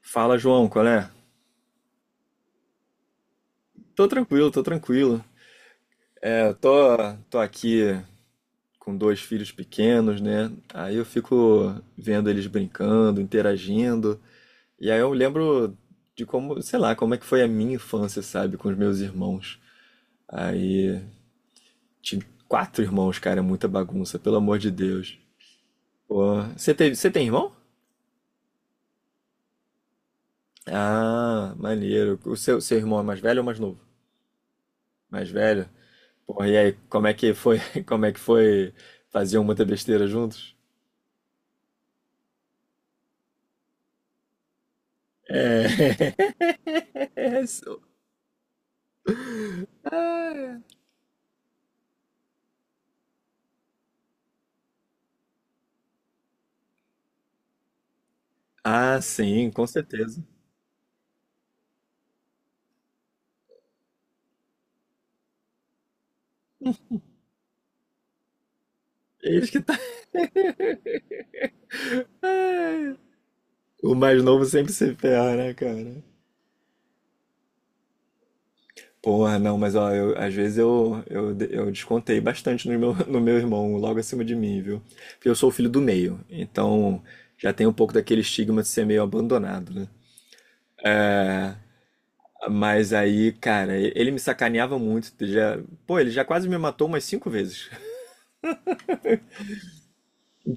Fala, João, qual é? Tô tranquilo, tô tranquilo. É, tô aqui com dois filhos pequenos, né? Aí eu fico vendo eles brincando, interagindo. E aí eu lembro de como, sei lá, como é que foi a minha infância, sabe, com os meus irmãos. Aí tive quatro irmãos, cara, é muita bagunça, pelo amor de Deus. Pô, você teve, você tem irmão? Ah, maneiro. O seu irmão é mais velho ou mais novo? Mais velho? Porra, e aí, como é que foi? Como é que foi? Faziam muita besteira juntos? É. Isso. Ah, sim, com certeza. Eles que tá. O mais novo sempre se ferra, né, cara? Porra, não, mas ó, às vezes eu descontei bastante no meu, no meu irmão, logo acima de mim, viu? Porque eu sou o filho do meio, então já tem um pouco daquele estigma de ser meio abandonado, né? Mas aí, cara, ele me sacaneava muito. Já, pô, ele já quase me matou umas 5 vezes.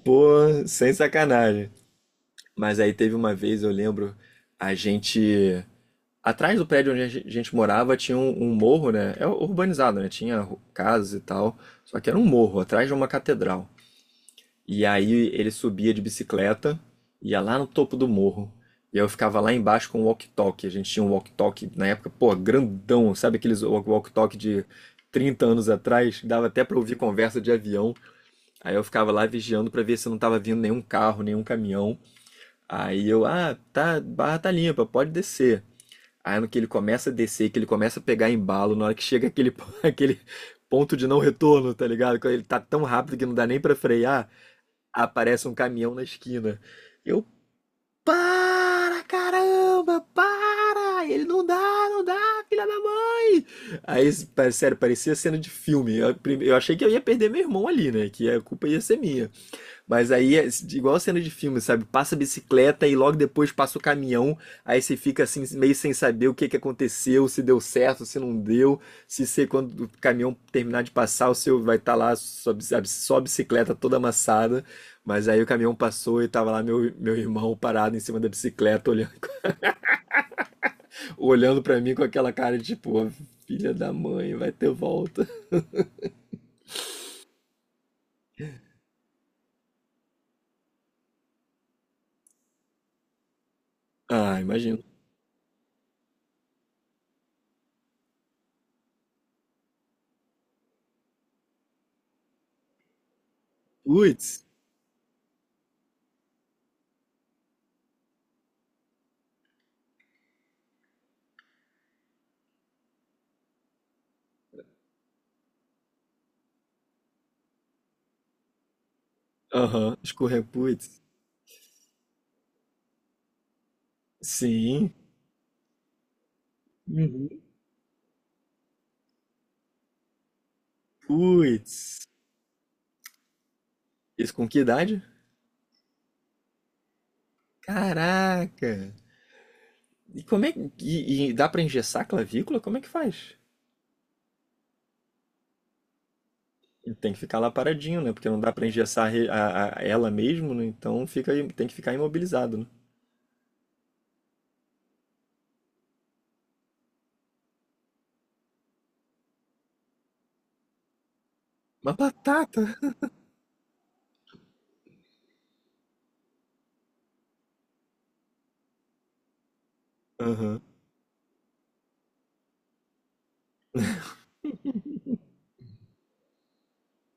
Pô, sem sacanagem. Mas aí teve uma vez, eu lembro, a gente. Atrás do prédio onde gente morava tinha um morro, né? É urbanizado, né? Tinha casas e tal. Só que era um morro, atrás de uma catedral. E aí ele subia de bicicleta, ia lá no topo do morro. E eu ficava lá embaixo com o walkie-talkie. A gente tinha um walkie-talkie na época, pô, grandão. Sabe aqueles walkie-talkie de 30 anos atrás? Dava até pra ouvir conversa de avião. Aí eu ficava lá vigiando pra ver se não tava vindo nenhum carro, nenhum caminhão. Aí eu, ah, tá, barra tá limpa, pode descer. Aí no que ele começa a descer, que ele começa a pegar embalo, na hora que chega aquele, aquele ponto de não retorno, tá ligado? Quando ele tá tão rápido que não dá nem pra frear, aparece um caminhão na esquina. Eu, para, caramba, para! Ele não dá, não dá, filha da mãe! Aí, sério, parecia cena de filme. Eu achei que eu ia perder meu irmão ali, né? Que a culpa ia ser minha. Mas aí, é igual cena de filme, sabe? Passa a bicicleta e logo depois passa o caminhão. Aí você fica assim, meio sem saber o que que aconteceu, se deu certo, se não deu. Se você, quando o caminhão terminar de passar, o seu vai estar lá, sua bicicleta toda amassada. Mas aí o caminhão passou e tava lá meu irmão parado em cima da bicicleta, olhando, olhando para mim com aquela cara de tipo, "Ô, filha da mãe, vai ter volta. Ah, imagino. Putz, aham, escorrer, putz. Sim, uhum. Putz. Isso com que idade? Caraca! E como é que. E dá pra engessar a clavícula? Como é que faz? Tem que ficar lá paradinho, né? Porque não dá pra engessar a re- a- ela mesmo, né? Então fica, tem que ficar imobilizado, né? Uma batata! Aham.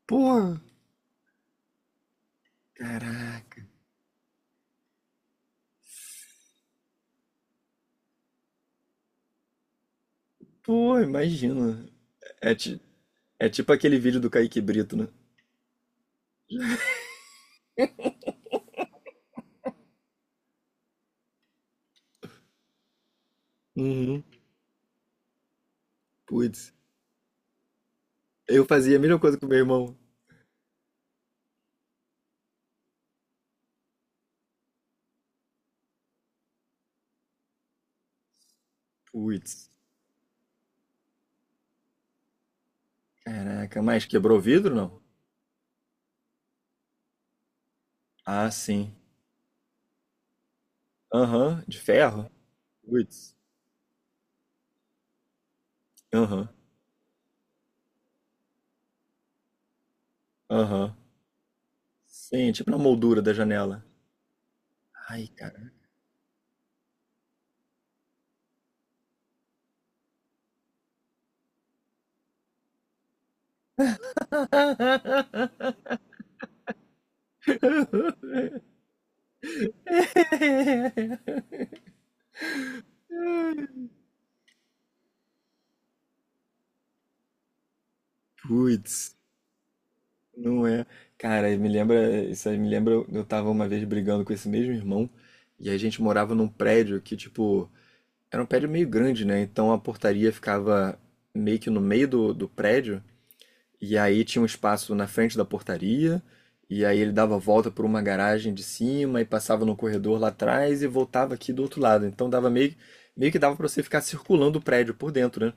Pô! Caraca! Pô, imagina! É, ti- é tipo aquele vídeo do Kaique Brito, né? Uhum. Putz. Eu fazia a mesma coisa com meu irmão. Putz. Caraca, mas quebrou o vidro, não? Ah, sim. Aham, de ferro? Putz. Aham. Aham. Sim, tipo na moldura da janela. Ai, cara. Putz, não é. Cara, me lembra, isso aí me lembra, eu tava uma vez brigando com esse mesmo irmão, e a gente morava num prédio que, tipo, era um prédio meio grande, né? Então a portaria ficava meio que no meio do prédio, e aí tinha um espaço na frente da portaria, e aí ele dava a volta por uma garagem de cima e passava no corredor lá atrás e voltava aqui do outro lado. Então dava meio que dava para você ficar circulando o prédio por dentro, né?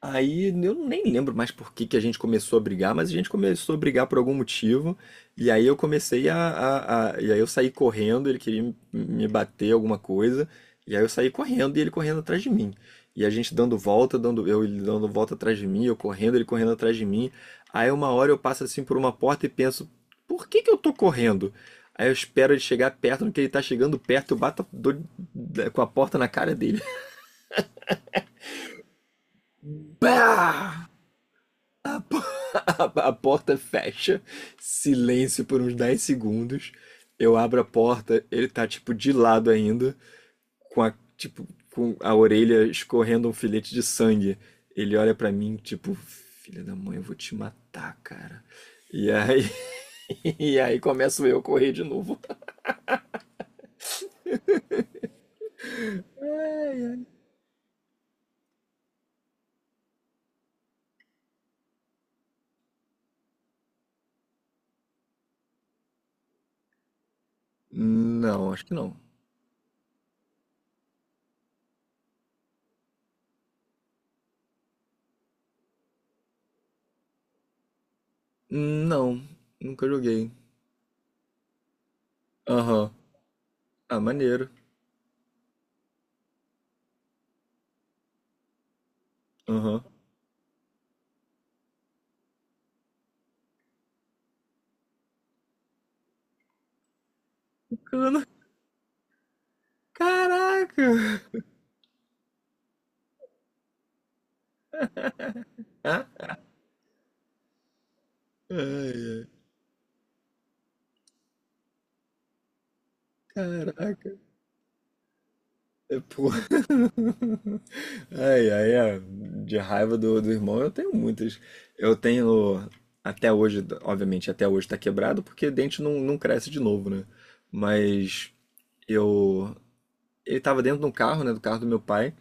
Aí eu nem lembro mais por que que a gente começou a brigar, mas a gente começou a brigar por algum motivo. E aí eu comecei e aí eu saí correndo, ele queria me bater alguma coisa. E aí eu saí correndo e ele correndo atrás de mim. E a gente dando volta, dando eu ele dando volta atrás de mim, eu correndo, ele correndo atrás de mim. Aí uma hora eu passo assim por uma porta e penso, por que que eu tô correndo? Aí eu espero ele chegar perto, no que ele tá chegando perto, eu dou com a porta na cara dele. Pá! A porta fecha, silêncio por uns 10 segundos. Eu abro a porta, ele tá tipo de lado ainda, com a tipo com a orelha escorrendo um filete de sangue. Ele olha pra mim, tipo, filha da mãe, eu vou te matar, cara. E aí, e aí começo eu a correr de novo. Não, acho que não. Não, nunca joguei. Aham. Ah, maneiro. Aham. Bacana. Caraca. Ah, ai, ai. Caraca. É, pô. Ai, ai, é. De raiva do irmão, eu tenho muitas. Eu tenho até hoje, obviamente, até hoje tá quebrado, porque dente não cresce de novo, né? Mas eu. Ele tava dentro de um carro, né? Do carro do meu pai.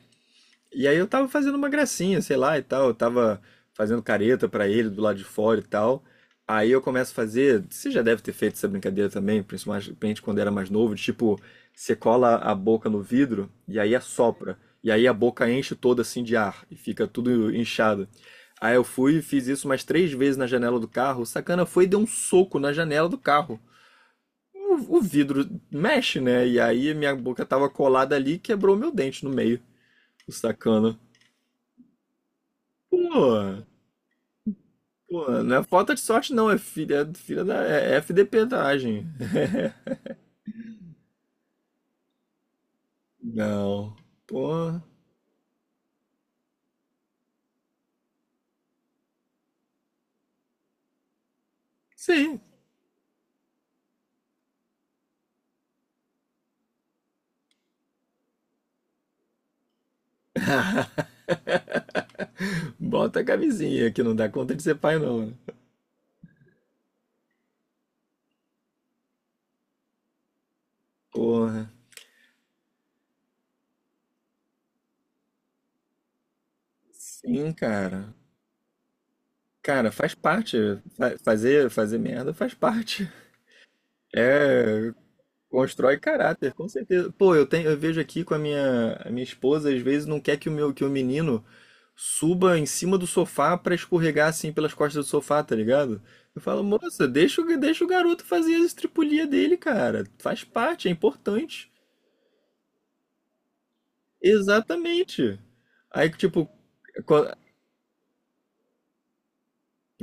E aí eu tava fazendo uma gracinha, sei lá, e tal. Eu tava fazendo careta pra ele do lado de fora e tal. Aí eu começo a fazer. Você já deve ter feito essa brincadeira também, principalmente quando era mais novo, de, tipo, você cola a boca no vidro e aí assopra. E aí a boca enche toda assim de ar e fica tudo inchado. Aí eu fui e fiz isso umas 3 vezes na janela do carro. O sacana foi e deu um soco na janela do carro. O vidro mexe, né? E aí minha boca tava colada ali e quebrou meu dente no meio. O sacana. Pô, pô, não é falta de sorte, não. É filha da é FDP-dragem. Não. Pô, sim. Bota a camisinha, que não dá conta de ser pai, não, né? Porra. Sim, cara. Cara, faz parte. Fazer merda faz parte. É, constrói caráter, com certeza. Pô, eu tenho, eu vejo aqui com a minha esposa, às vezes não quer que o meu, que o menino suba em cima do sofá pra escorregar assim pelas costas do sofá, tá ligado? Eu falo, moça, deixa, deixa o garoto fazer as estripulias dele, cara. Faz parte, é importante. Exatamente. Aí que tipo, co-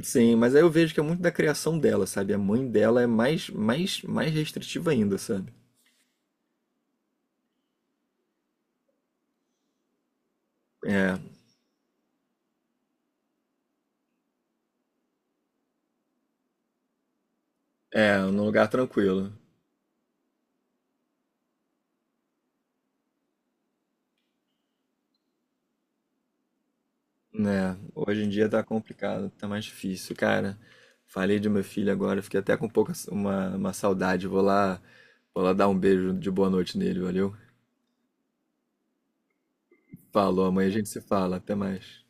sim, mas aí eu vejo que é muito da criação dela, sabe? A mãe dela é mais restritiva ainda, sabe? É, é, num lugar tranquilo. Né, hoje em dia tá complicado, tá mais difícil, cara. Falei de meu filho agora, fiquei até com um pouco uma saudade. Vou lá dar um beijo de boa noite nele, valeu? Falou, amanhã a gente se fala, até mais.